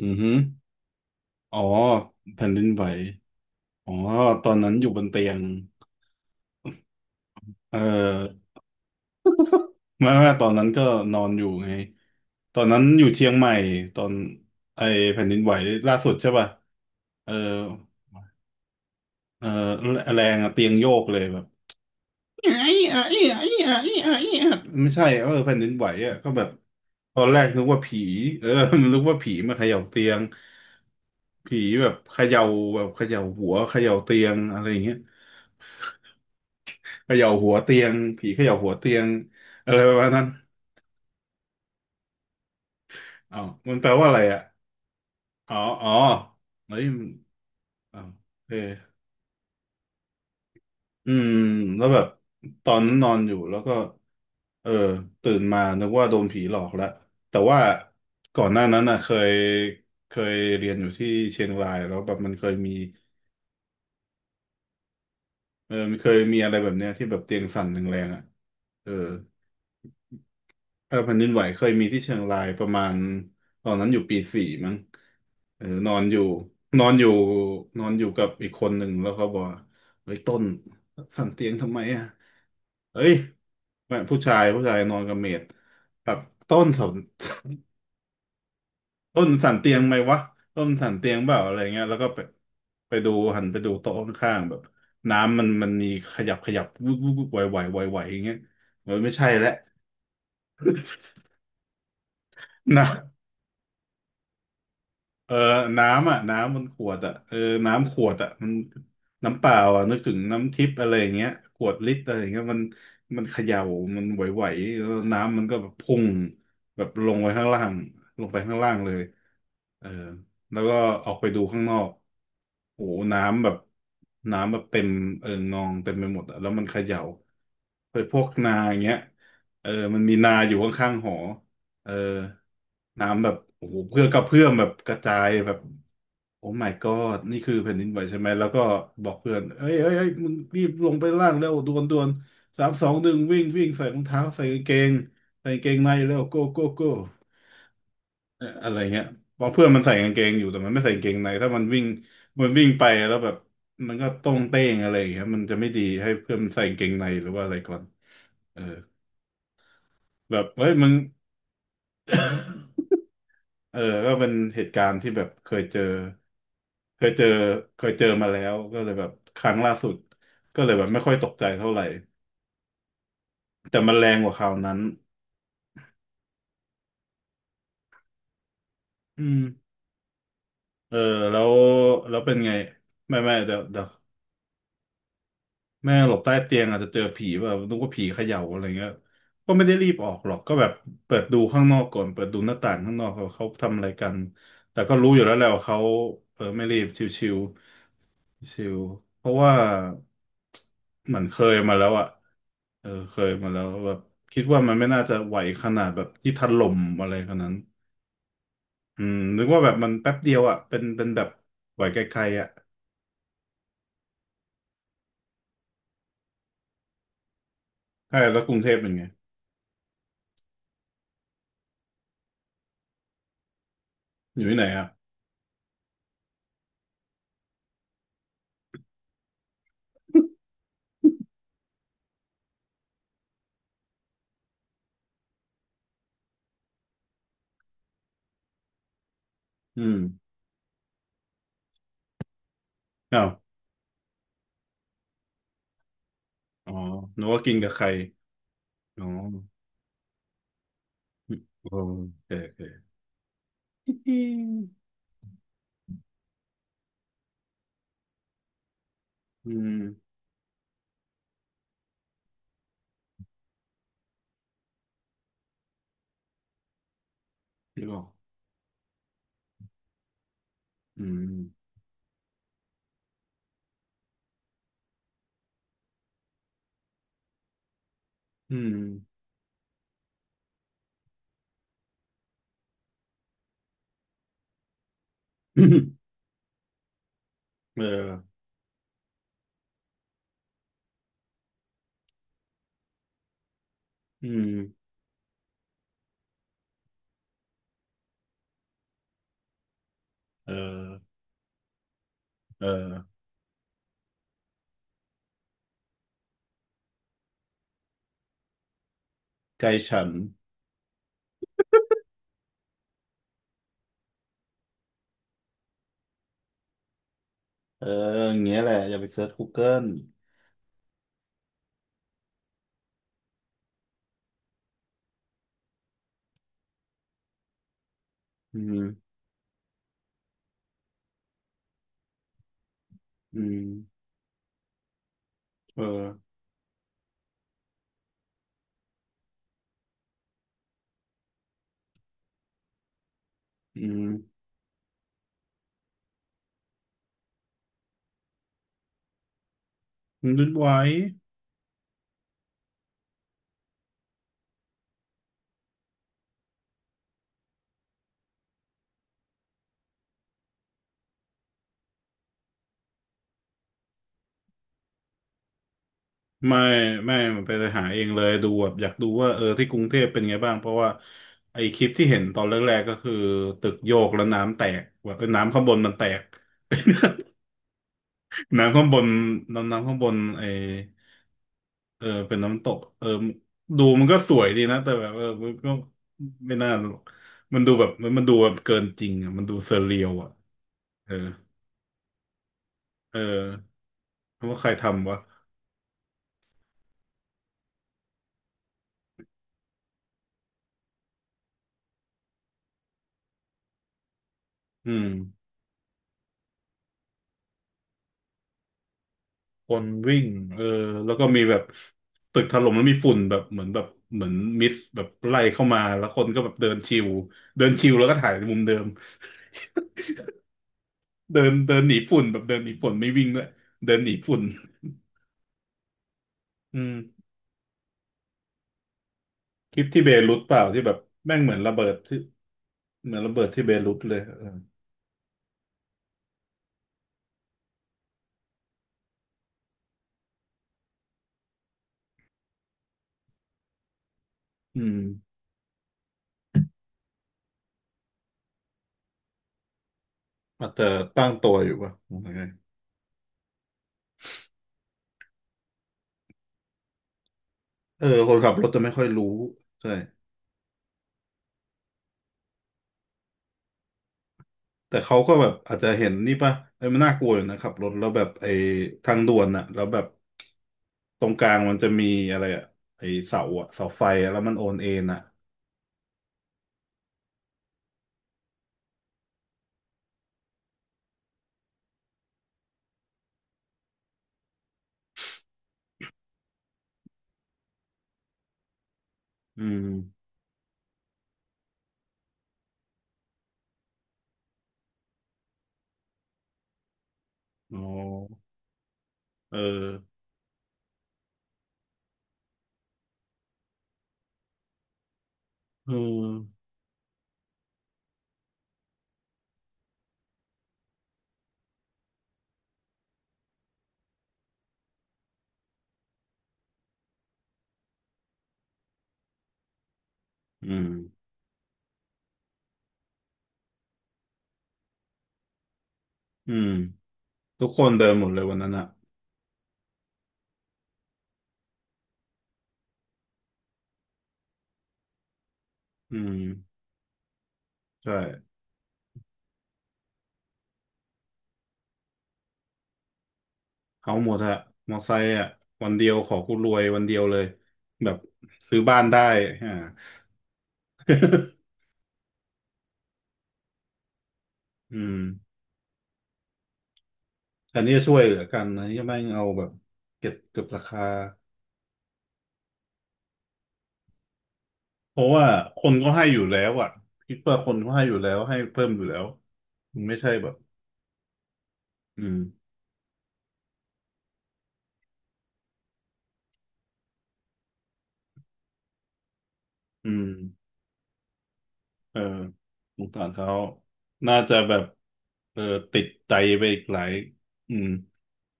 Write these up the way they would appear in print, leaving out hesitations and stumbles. อือฮึอ๋อแผ่นดินไหวอ๋อตอนนั้นอยู่บนเตียงเออไม่ไม่ตอนนั้นก็นอนอยู่ไงตอนนั้นอยู่เชียงใหม่ตอนไอแผ่นดินไหวล่าสุดใช่ป่ะเออเออแรงอะเตียงโยกเลยแบบไอ้ไอ้ไอ้ไอ้ไอ้ไม่ใช่เออแผ่นดินไหวอะก็แบบตอนแรกนึกว่าผีเออ นึกว่าผีมาเขย่าเตียงผีแบบเขย่าแบบเขย่าหัวเขย่าเตียงอะไรอย่างเงี้ย เขย่าหัวเตียงผีเขย่าหัวเตียงอะไรประมาณนั้นอ๋อมันแปลว่าอะไรอ่ะอ๋ออ๋อเฮ้ยมันอ๋อเอออืม แล้วแบบตอนนั้นนอนอยู่แล้วก็ เออ ตื่นมานึกว่าโดนผีหลอกแล้ว แต่ว่าก่อนหน้านั้นน่ะเคยเรียนอยู่ที่เชียงรายแล้วแบบมันเคยมีเออมันเคยมีอะไรแบบเนี้ยที่แบบเตียงสั่นแรงๆอ่ะเออ เออแผ่นดินไหวเคยมีที่เชียงรายประมาณตอนนั้นอยู่ปีสี่มั้งเออนอนอยู่นอนอยู่กับอีกคนหนึ่งแล้วเขาบอกว่าเฮ้ยต้นสั่นเตียงทำไมอ่ะเฮ้ยแม่ผู้ชายผู้ชายนอนกับเมดแบบต้นสั่นต้นสั่นเตียงไหมวะต้นสั่นเตียงเปล่าอะไรเงี้ยแล้วก็ไปไปดูหันไปดูโต๊ะข้างๆแบบน้ำมันมันมีขยับขยับวุบวุบวุบไหวไหวไหวไหวอย่างเงี้ยเออไม่ใช่แล้ว นะ เออน้ำอ่ะน้ำมันขวดอ่ะเออน้ำขวดอ่ะมันน้ำเปล่าอ่ะนึกถึงน้ำทิพย์อะไรอย่างเงี้ยขวดลิตรอะไรอย่างเงี้ยมันมันเขย่ามันไหวๆแล้วน้ำมันก็แบบพุ่งแบบลงไปข้างล่างลงไปข้างล่างเลยเออแล้วก็ออกไปดูข้างนอกโอ้โหน้ำแบบน้ำแบบเต็มเออนองเต็มไปหมดอ่ะแล้วมันเขย่า เฮพวกนาอย่างเงี้ยเออมันมีนาอยู่ข้างๆหอเออน้ำแบบโอ้โหเพื่อกระเพื่อมแบบกระจายแบบโอ้ my god นี่คือแผ่นดินไหวใช่ไหม แล้วก็บอกเพื่อนเอ้ยเอ้ยเอ้ยมึงรีบลงไปล่างเร็วด่วนด่วนสามสองหนึ่งวิ่งวิ่งใส่รองเท้าใส่กางเกงใส่กางเกงในเร็วโก้โก้โก้ อะไรเงี้ยเพราะเพื่อนมันใส่กางเกงอยู่แต่มันไม่ใส่กางเกงในถ้ามันวิ่งมันวิ่งไปแล้วแบบมันก็ต้งเต้งอะไรอย่างเงี้ยมันจะไม่ดีให้เพื่อนมันใส่กางเกงในหรือว่าอะไรก่อนเออแบบเฮ้ยมึง เออก็เป็นเหตุการณ์ที่แบบเคยเจอเคยเจอเคยเจอมาแล้วก็เลยแบบครั้งล่าสุดก็เลยแบบไม่ค่อยตกใจเท่าไหร่แต่มันแรงกว่าคราวนั้นอืมเออแล้วเป็นไงไม่เดี๋ยว แม่หลบใต้เตียงอาจจะเจอผีแบบนึกว่าผีเขย่าอะไรเงี้ยก็ไม่ได้รีบออกหรอกก็แบบเปิดดูข้างนอกก่อนเปิดดูหน้าต่างข้างนอกเขาเขาทำอะไรกันแต่ก็รู้อยู่แล้วแหละว่าเขาเออไม่รีบชิวเพราะว่าเหมือนเคยมาแล้วอ่ะเออเคยมาแล้วแบบคิดว่ามันไม่น่าจะไหวขนาดแบบที่ถล่มอะไรขนาดนั้นอืมนึกว่าแบบมันแป๊บเดียวอ่ะเป็นแบบไหวไกลๆอ่ะใช่แล้วกรุงเทพเป็นไงอยู่ที่ไหนอ่ะอืมอ้าว อ๋อนึกว่ากินกับใครอ๋อโอเคโอเคอืมนึกออกอืมอืม เอออืมเออเออไก่ฉันเอออย่างเงี้ยแหละอย่าไปเซิร์ช Google อืมอืมเอออืมนึกไว้ ไม่ไม่มันไปหาเองเลยดูแบบอยากดูว่าเออที่กรุงเทพเป็นไงบ้าง เพราะว่าไอ้คลิปที่เห็นตอนแรกๆก็คือตึกโยกแล้วน้ำแตกว่าเออน้ำข้างบนมันแตก น้ำข้างบนน้ำข้างบนเออเป็นน้ำตกเออดูมันก็สวยดีนะแต่แบบเออมันก็ไม่น่าหรอกมันดูแบบมันดูแบบเกินจริงอ่ะมันดูเซอร์เรียลอ่ะเออเออแล้วว่าใครทำวะอืมคนวิ่งเออแล้วก็มีแบบตึกถล่มแล้วมีฝุ่นแบบเหมือนแบบเหมือนมิสแบบไล่เข้ามาแล้วคนก็แบบเดินชิวเดินชิวแล้วก็ถ่ายในมุมเดิม เดินเดินหนีฝุ่นแบบเดินหนีฝุ่นไม่วิ่งด้วยเดินหนีฝุ่น อืม คลิปที่เบรุตเปล่าที่แบบแม่งเหมือนระเบิดที่เหมือนระเบิดที่เบรุตเลยเอออืมอาจจะตั้งตัวอยู่ป่ะยังไงเออคนขับรถจะไม่ค่อยรู้ใช่แต่เขาก็แบบอาจจะเห็นนี่ป่ะไอ้ยมันน่ากลัวอยู่นะขับรถแล้วแบบไอ้ทางด่วนอะแล้วแบบตรงกลางมันจะมีอะไรอะไอ้เสาอะเสาไฟอะแล้วมันโอนเอ็นอะอืมอ๋อเออเอออืมอืมทุกคนเดินหมดเลยวันนั้นอะอืมใช่ เอาหมดอะมอไซค์อะวันเดียวขอกูรวยวันเดียวเลยแบบซื้อบ้านได้อ่าอืมอันนี้ช่วยเหลือกันนะยังไม่เอาแบบเก็บราคาเพราะว่าคนก็ให้อยู่แล้วอะคิดว่าคนก็ให้อยู่แล้วให้เพิ่มอยู่แล้วมันไม่ใช่แบบอืมอืมเออสงสารเขาน่าจะแบบเออติดใจไปอีกหลายอืม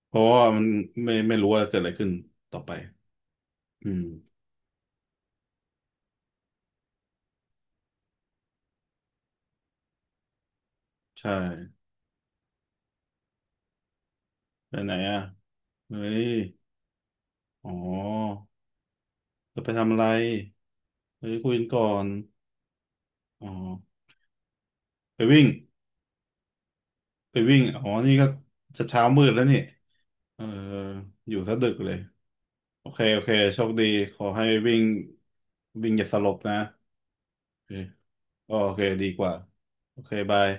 เพราะว่ามันไม่รู้ว่าเกิดอะไรขึ้นต่อไปอืมใช่ไปไหนอ่ะ เฮ้ย อ๋อ จะไปทำอะไร เฮ้ยคุยกันก่อน อ๋อ ไปวิ่งไปวิ่งอ๋อ นี่ก็จะเช้ามืดแล้วนี่เอออยู่ซะดึกเลย โอเค โอเคโชคดี ขอให้วิ่งวิ่งอย่าสลบนะโอเคอ๋อโอเค ดีกว่า โอเค บาย